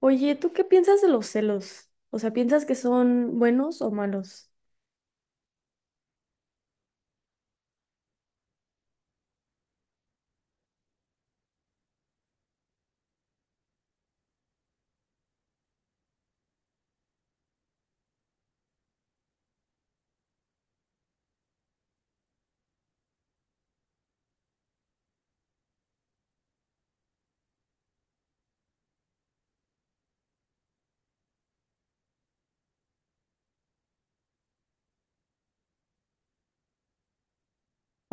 Oye, ¿tú qué piensas de los celos? O sea, ¿piensas que son buenos o malos?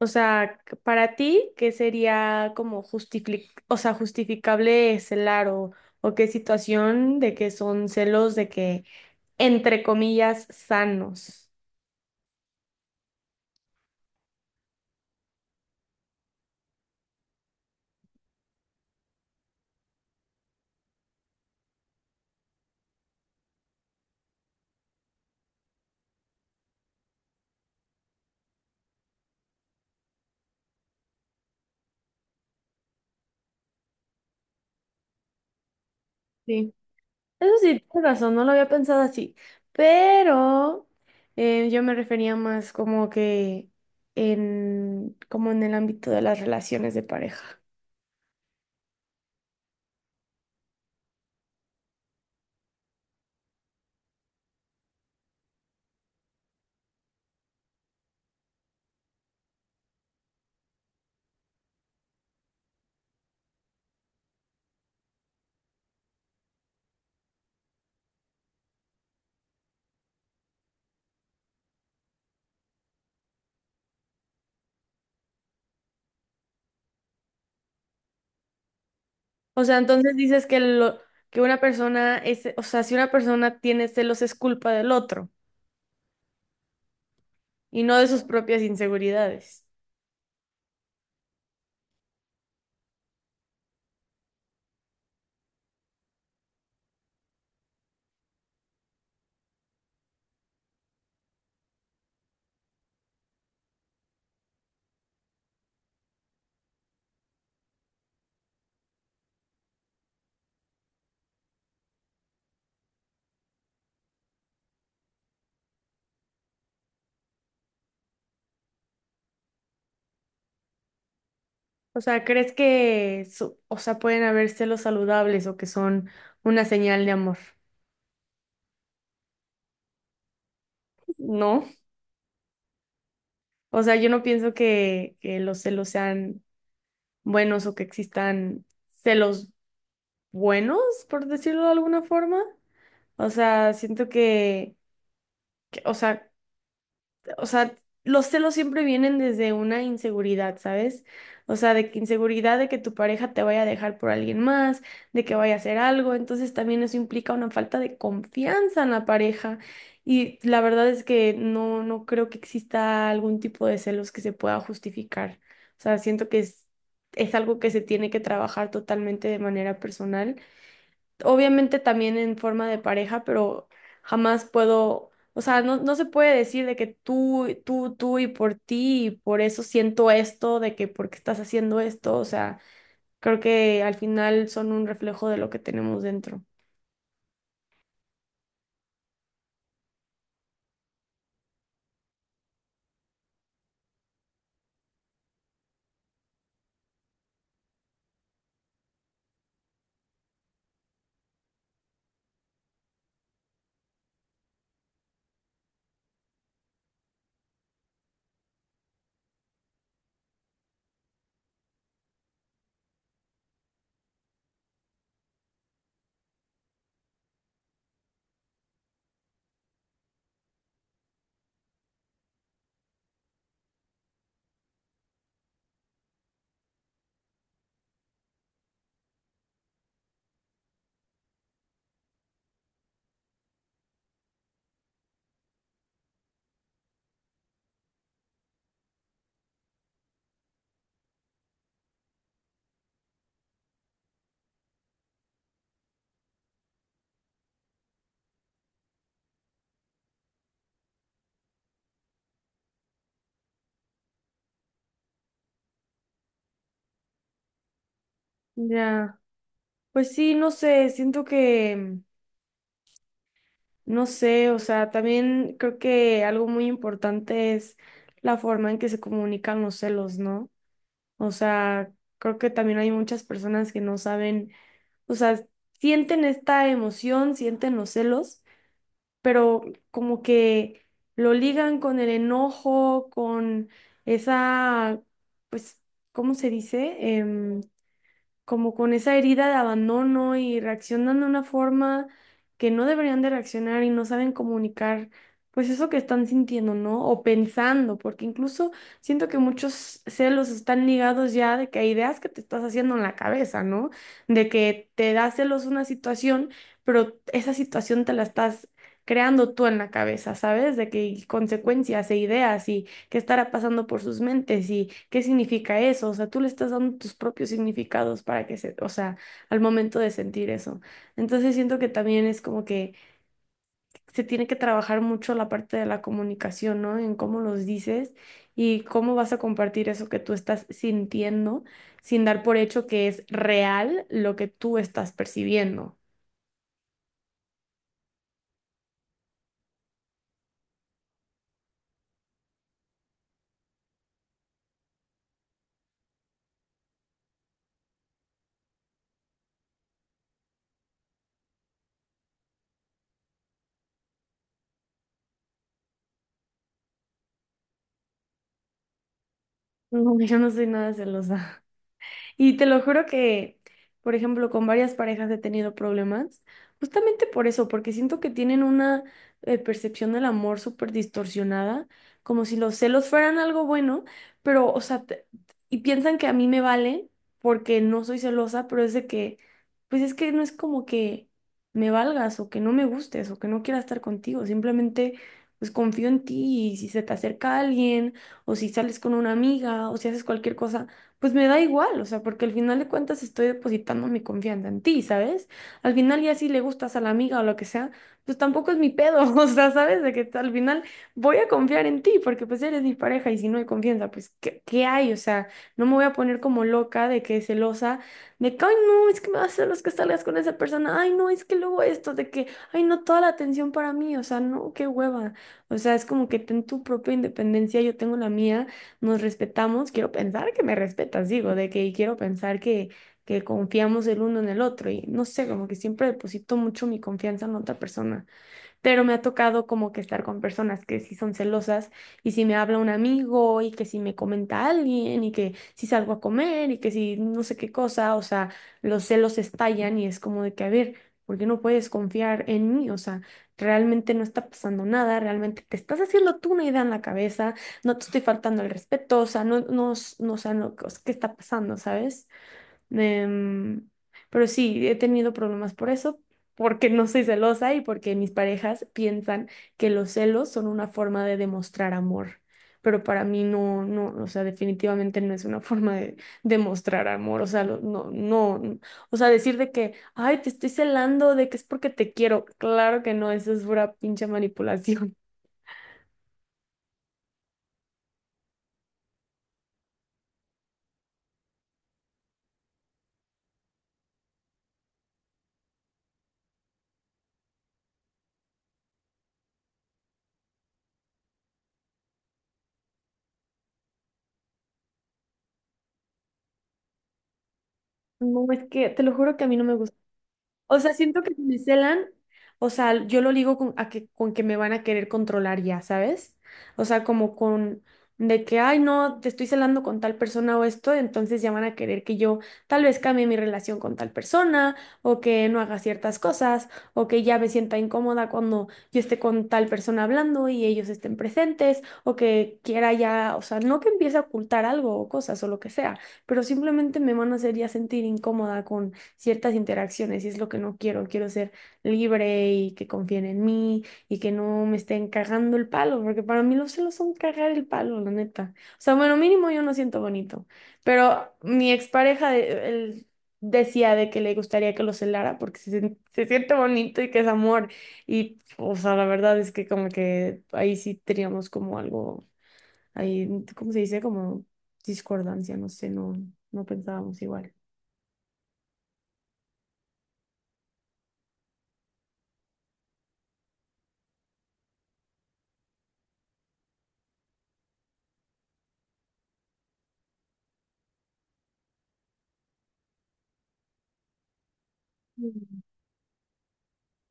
O sea, para ti, ¿qué sería como o sea, justificable celar o qué situación de que son celos de que, entre comillas, sanos? Sí. Eso sí, tienes razón, no lo había pensado así, pero yo me refería más como que en, como en el ámbito de las relaciones de pareja. O sea, entonces dices que lo que una persona es, o sea, si una persona tiene celos es culpa del otro y no de sus propias inseguridades. O sea, ¿crees que o sea, pueden haber celos saludables o que son una señal de amor? No. O sea, yo no pienso que los celos sean buenos o que existan celos buenos, por decirlo de alguna forma. O sea, siento que, que- o sea, o sea, los celos siempre vienen desde una inseguridad, ¿sabes? O sea, de que inseguridad de que tu pareja te vaya a dejar por alguien más, de que vaya a hacer algo, entonces también eso implica una falta de confianza en la pareja. Y la verdad es que no, no creo que exista algún tipo de celos que se pueda justificar. O sea, siento que es algo que se tiene que trabajar totalmente de manera personal, obviamente también en forma de pareja, pero jamás puedo, o sea, no, no se puede decir de que tú y por ti, y por eso siento esto, de que porque estás haciendo esto, o sea, creo que al final son un reflejo de lo que tenemos dentro. Ya, pues sí, no sé, siento que, no sé, o sea, también creo que algo muy importante es la forma en que se comunican los celos, ¿no? O sea, creo que también hay muchas personas que no saben, o sea, sienten esta emoción, sienten los celos, pero como que lo ligan con el enojo, con esa, pues, ¿cómo se dice? Como con esa herida de abandono y reaccionan de una forma que no deberían de reaccionar y no saben comunicar, pues eso que están sintiendo, ¿no? O pensando, porque incluso siento que muchos celos están ligados ya de que a ideas que te estás haciendo en la cabeza, ¿no? De que te da celos una situación, pero esa situación te la estás creando tú en la cabeza, ¿sabes? De que y consecuencias e ideas y qué estará pasando por sus mentes y qué significa eso. O sea, tú le estás dando tus propios significados para que se, o sea, al momento de sentir eso. Entonces siento que también es como que se tiene que trabajar mucho la parte de la comunicación, ¿no? En cómo los dices y cómo vas a compartir eso que tú estás sintiendo sin dar por hecho que es real lo que tú estás percibiendo. No, yo no soy nada celosa. Y te lo juro que, por ejemplo, con varias parejas he tenido problemas, justamente por eso, porque siento que tienen una percepción del amor súper distorsionada, como si los celos fueran algo bueno, pero, o sea, y piensan que a mí me vale porque no soy celosa, pero es de que, pues es que no es como que me valgas o que no me gustes o que no quiera estar contigo, simplemente... Pues confío en ti y si se te acerca alguien o si sales con una amiga o si haces cualquier cosa, pues me da igual, o sea, porque al final de cuentas estoy depositando mi confianza en ti, ¿sabes? Al final ya si le gustas a la amiga o lo que sea, pues tampoco es mi pedo, o sea, ¿sabes? De que al final voy a confiar en ti porque pues eres mi pareja y si no hay confianza, pues ¿qué, qué hay? O sea, no me voy a poner como loca de que celosa, de que, ay, no, es que me vas a hacer los que salgas con esa persona, ay, no, es que luego esto, de que, ay, no, toda la atención para mí, o sea, no, qué hueva. O sea, es como que ten tu propia independencia, yo tengo la mía, nos respetamos, quiero pensar que me respetas, digo, de que quiero pensar que confiamos el uno en el otro y no sé, como que siempre deposito mucho mi confianza en otra persona, pero me ha tocado como que estar con personas que sí son celosas y si me habla un amigo y que si me comenta alguien y que si salgo a comer y que si no sé qué cosa, o sea, los celos estallan y es como de que, a ver, ¿por qué no puedes confiar en mí? O sea, realmente no está pasando nada, realmente te estás haciendo tú una idea en la cabeza, no te estoy faltando el respeto, o sea, no, no, no, o sea, no, ¿qué está pasando, sabes? Em, pero sí, he tenido problemas por eso, porque no soy celosa y porque mis parejas piensan que los celos son una forma de demostrar amor. Pero para mí no, no, o sea, definitivamente no es una forma de demostrar amor. O sea, no, no, o sea, decir de que, ay, te estoy celando, de que es porque te quiero. Claro que no, eso es pura pinche manipulación. No, es que te lo juro que a mí no me gusta. O sea, siento que si me celan, o sea, yo lo ligo con, a que, con que me van a querer controlar ya, ¿sabes? O sea, como con de que, ay, no, te estoy celando con tal persona o esto, entonces ya van a querer que yo tal vez cambie mi relación con tal persona, o que no haga ciertas cosas, o que ya me sienta incómoda cuando yo esté con tal persona hablando y ellos estén presentes, o que quiera ya, o sea, no que empiece a ocultar algo o cosas o lo que sea, pero simplemente me van a hacer ya sentir incómoda ciertas interacciones y es lo que no quiero. Quiero ser libre y que confíen en mí y que no me estén cagando el palo, porque para mí los celos son cagar el palo, la neta. O sea, bueno, mínimo yo no siento bonito, pero mi expareja él decía de que le gustaría que lo celara porque se, se siente bonito y que es amor. Y, o sea, la verdad es que como que ahí sí teníamos como algo, ahí, ¿cómo se dice? Como discordancia, no sé, no, no pensábamos igual.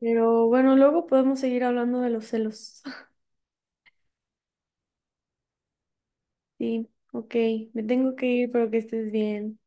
Pero bueno, luego podemos seguir hablando de los celos. Sí, ok, me tengo que ir, pero que estés bien.